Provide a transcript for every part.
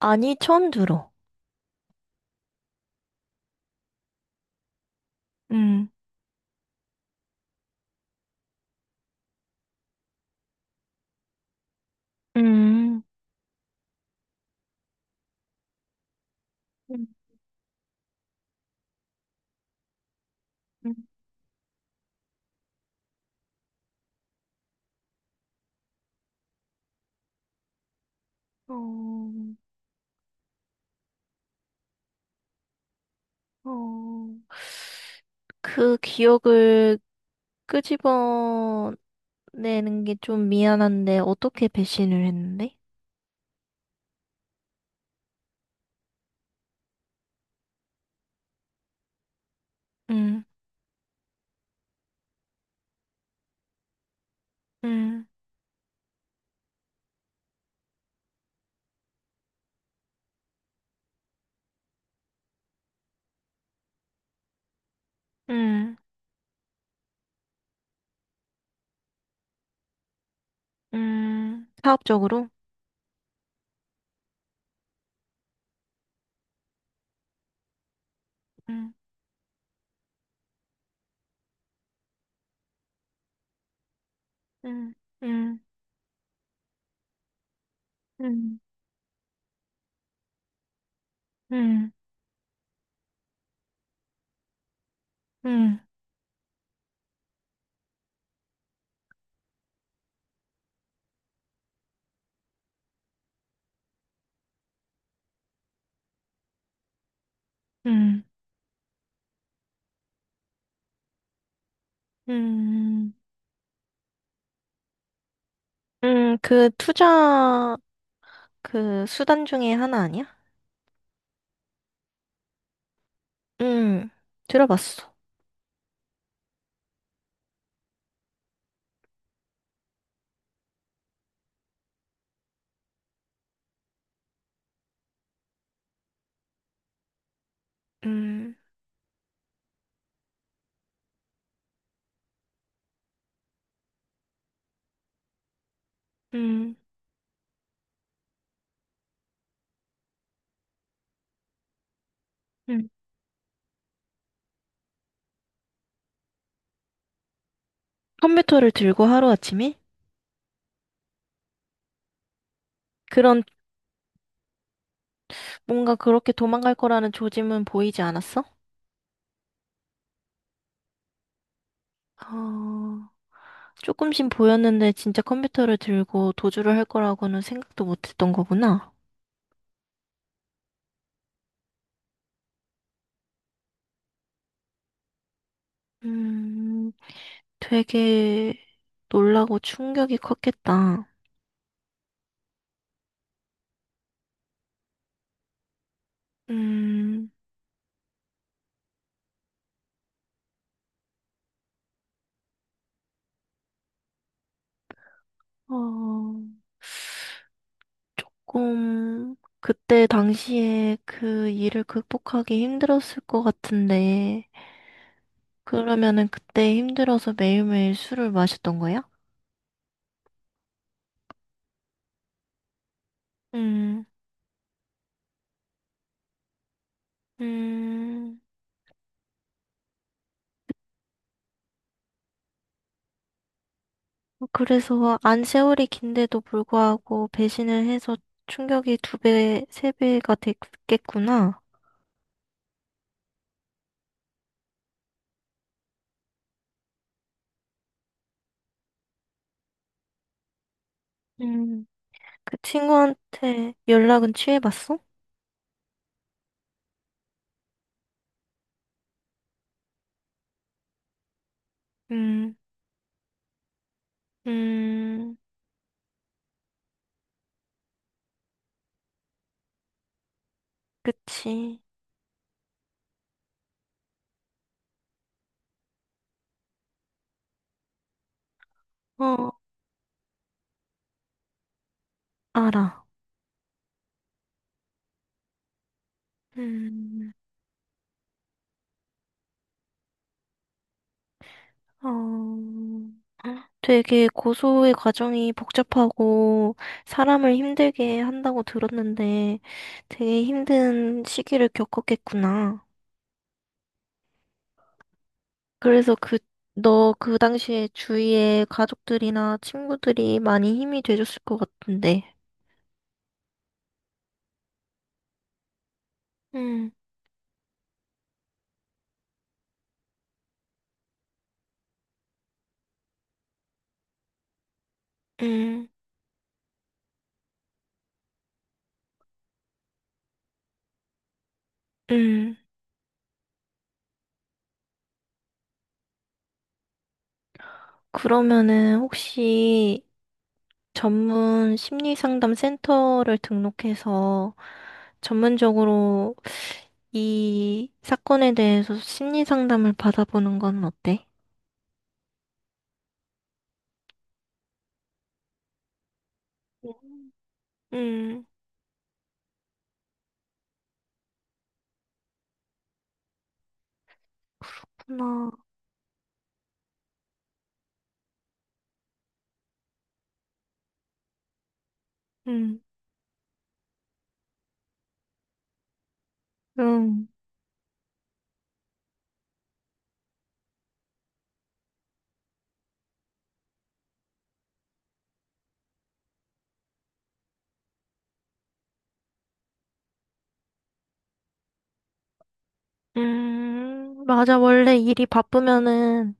아니, 처음 들어. 음. 음, 음, 음. 어, 어. 그 기억을 끄집어내는 게 좀 미안한데, 어떻게 배신을 했는데? 음, 음, 음, 사업적으로? 음, 음, 음, 음, 음, 음, 음, 음. 그 투자, 그 수단 중에 하나 아니야? 음, 들어봤어. 음, 음, 음. 컴퓨터를 들고 하루아침에? 그런 뭔가 그렇게 도망갈 거라는 조짐은 보이지 않았어? 어, 조금씩 보였는데 진짜 컴퓨터를 들고 도주를 할 거라고는 생각도 못했던 거구나. 음, 되게 놀라고 충격이 컸겠다. 음, 어, 조금 그때 당시에 그 일을 극복하기 힘들었을 것 같은데, 그러면은 그때 힘들어서 매일매일 술을 마셨던 거야? 음, 음. 그래서 안 세월이 긴데도 불구하고 배신을 해서 충격이 두 배, 세 배가 됐겠구나. 음, 그 친구한테 연락은 취해봤어? 음, 음, 그치. 어, 알아. 음, 어, 되게 고소의 과정이 복잡하고 사람을 힘들게 한다고 들었는데 되게 힘든 시기를 겪었겠구나. 그래서 너 그 당시에 주위에 가족들이나 친구들이 많이 힘이 돼줬을 것 같은데. 음, 음. 음, 그러면은 혹시 전문 심리 상담 센터를 등록해서 전문적으로 이 사건에 대해서 심리 상담을 받아보는 건 어때? 음, 음, 그렇구나. 음, 음. 맞아. 원래 일이 바쁘면은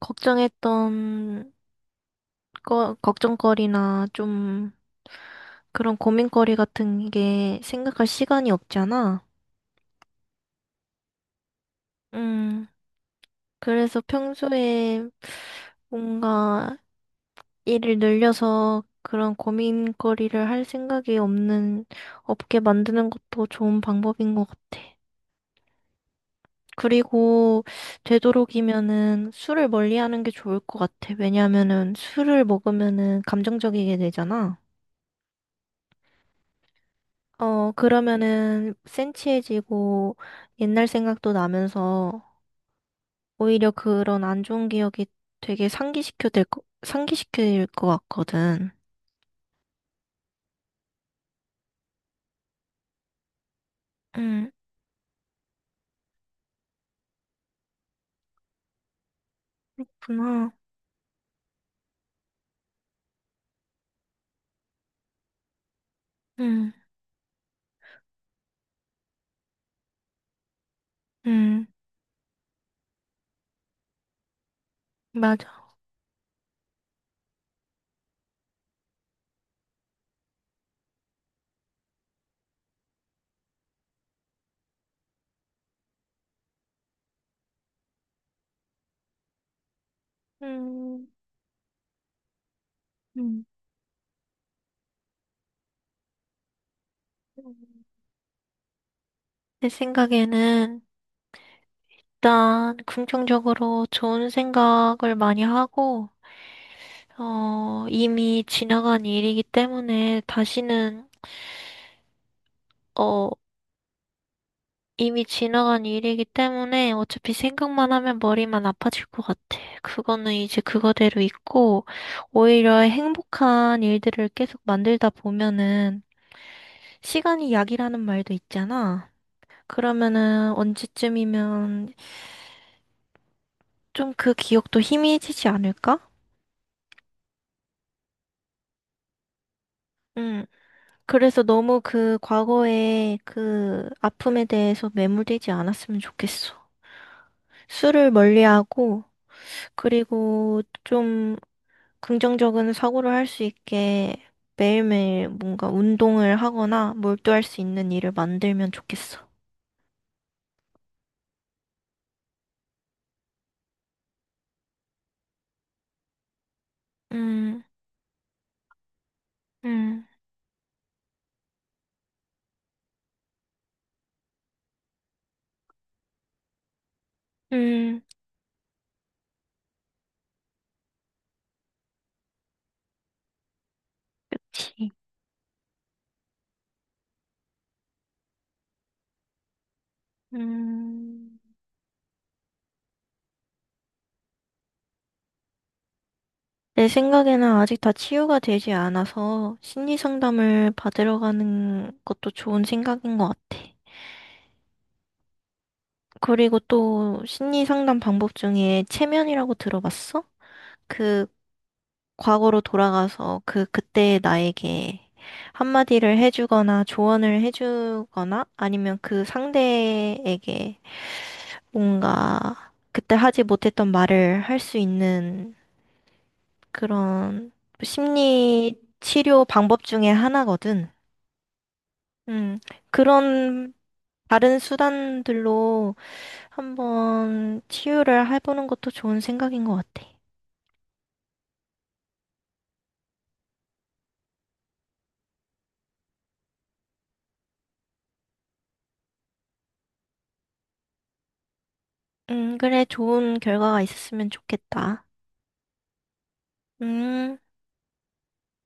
걱정했던 걱정거리나 좀 그런 고민거리 같은 게 생각할 시간이 없잖아. 음, 그래서 평소에 뭔가 일을 늘려서 그런 고민거리를 할 생각이 없는 업계 만드는 것도 좋은 방법인 것 같아. 그리고 되도록이면은 술을 멀리하는 게 좋을 것 같아. 왜냐하면은 술을 먹으면은 감정적이게 되잖아. 어, 그러면은 센치해지고 옛날 생각도 나면서 오히려 그런 안 좋은 기억이 되게 상기시킬 것 같거든. 응, 그렇구나. 응, 응, 맞아. 음, 음. 내 생각에는 일단 긍정적으로 좋은 생각을 많이 하고 어, 이미 지나간 일이기 때문에 어, 이미 지나간 일이기 때문에 어차피 생각만 하면 머리만 아파질 것 같아. 그거는 이제 그거대로 있고, 오히려 행복한 일들을 계속 만들다 보면은, 시간이 약이라는 말도 있잖아. 그러면은 언제쯤이면 좀 그 기억도 희미해지지 않을까? 음. 그래서 너무 그 과거의 그 아픔에 대해서 매몰되지 않았으면 좋겠어. 술을 멀리하고 그리고 좀 긍정적인 사고를 할 수 있게 매일매일 뭔가 운동을 하거나 몰두할 수 있는 일을 만들면 좋겠어. 음, 음, 음, 그치. 음. 내 생각에는 아직 다 치유가 되지 않아서 심리 상담을 받으러 가는 것도 좋은 생각인 것 같아. 그리고 또 심리 상담 방법 중에 체면이라고 들어봤어? 그 과거로 돌아가서 그때의 나에게 한마디를 해주거나 조언을 해주거나 아니면 그 상대에게 뭔가 그때 하지 못했던 말을 할 수 있는 그런 심리 치료 방법 중에 하나거든. 음, 그런 다른 수단들로 한번 치유를 해보는 것도 좋은 생각인 것 같아. 그래, 좋은 결과가 있었으면 좋겠다. 음,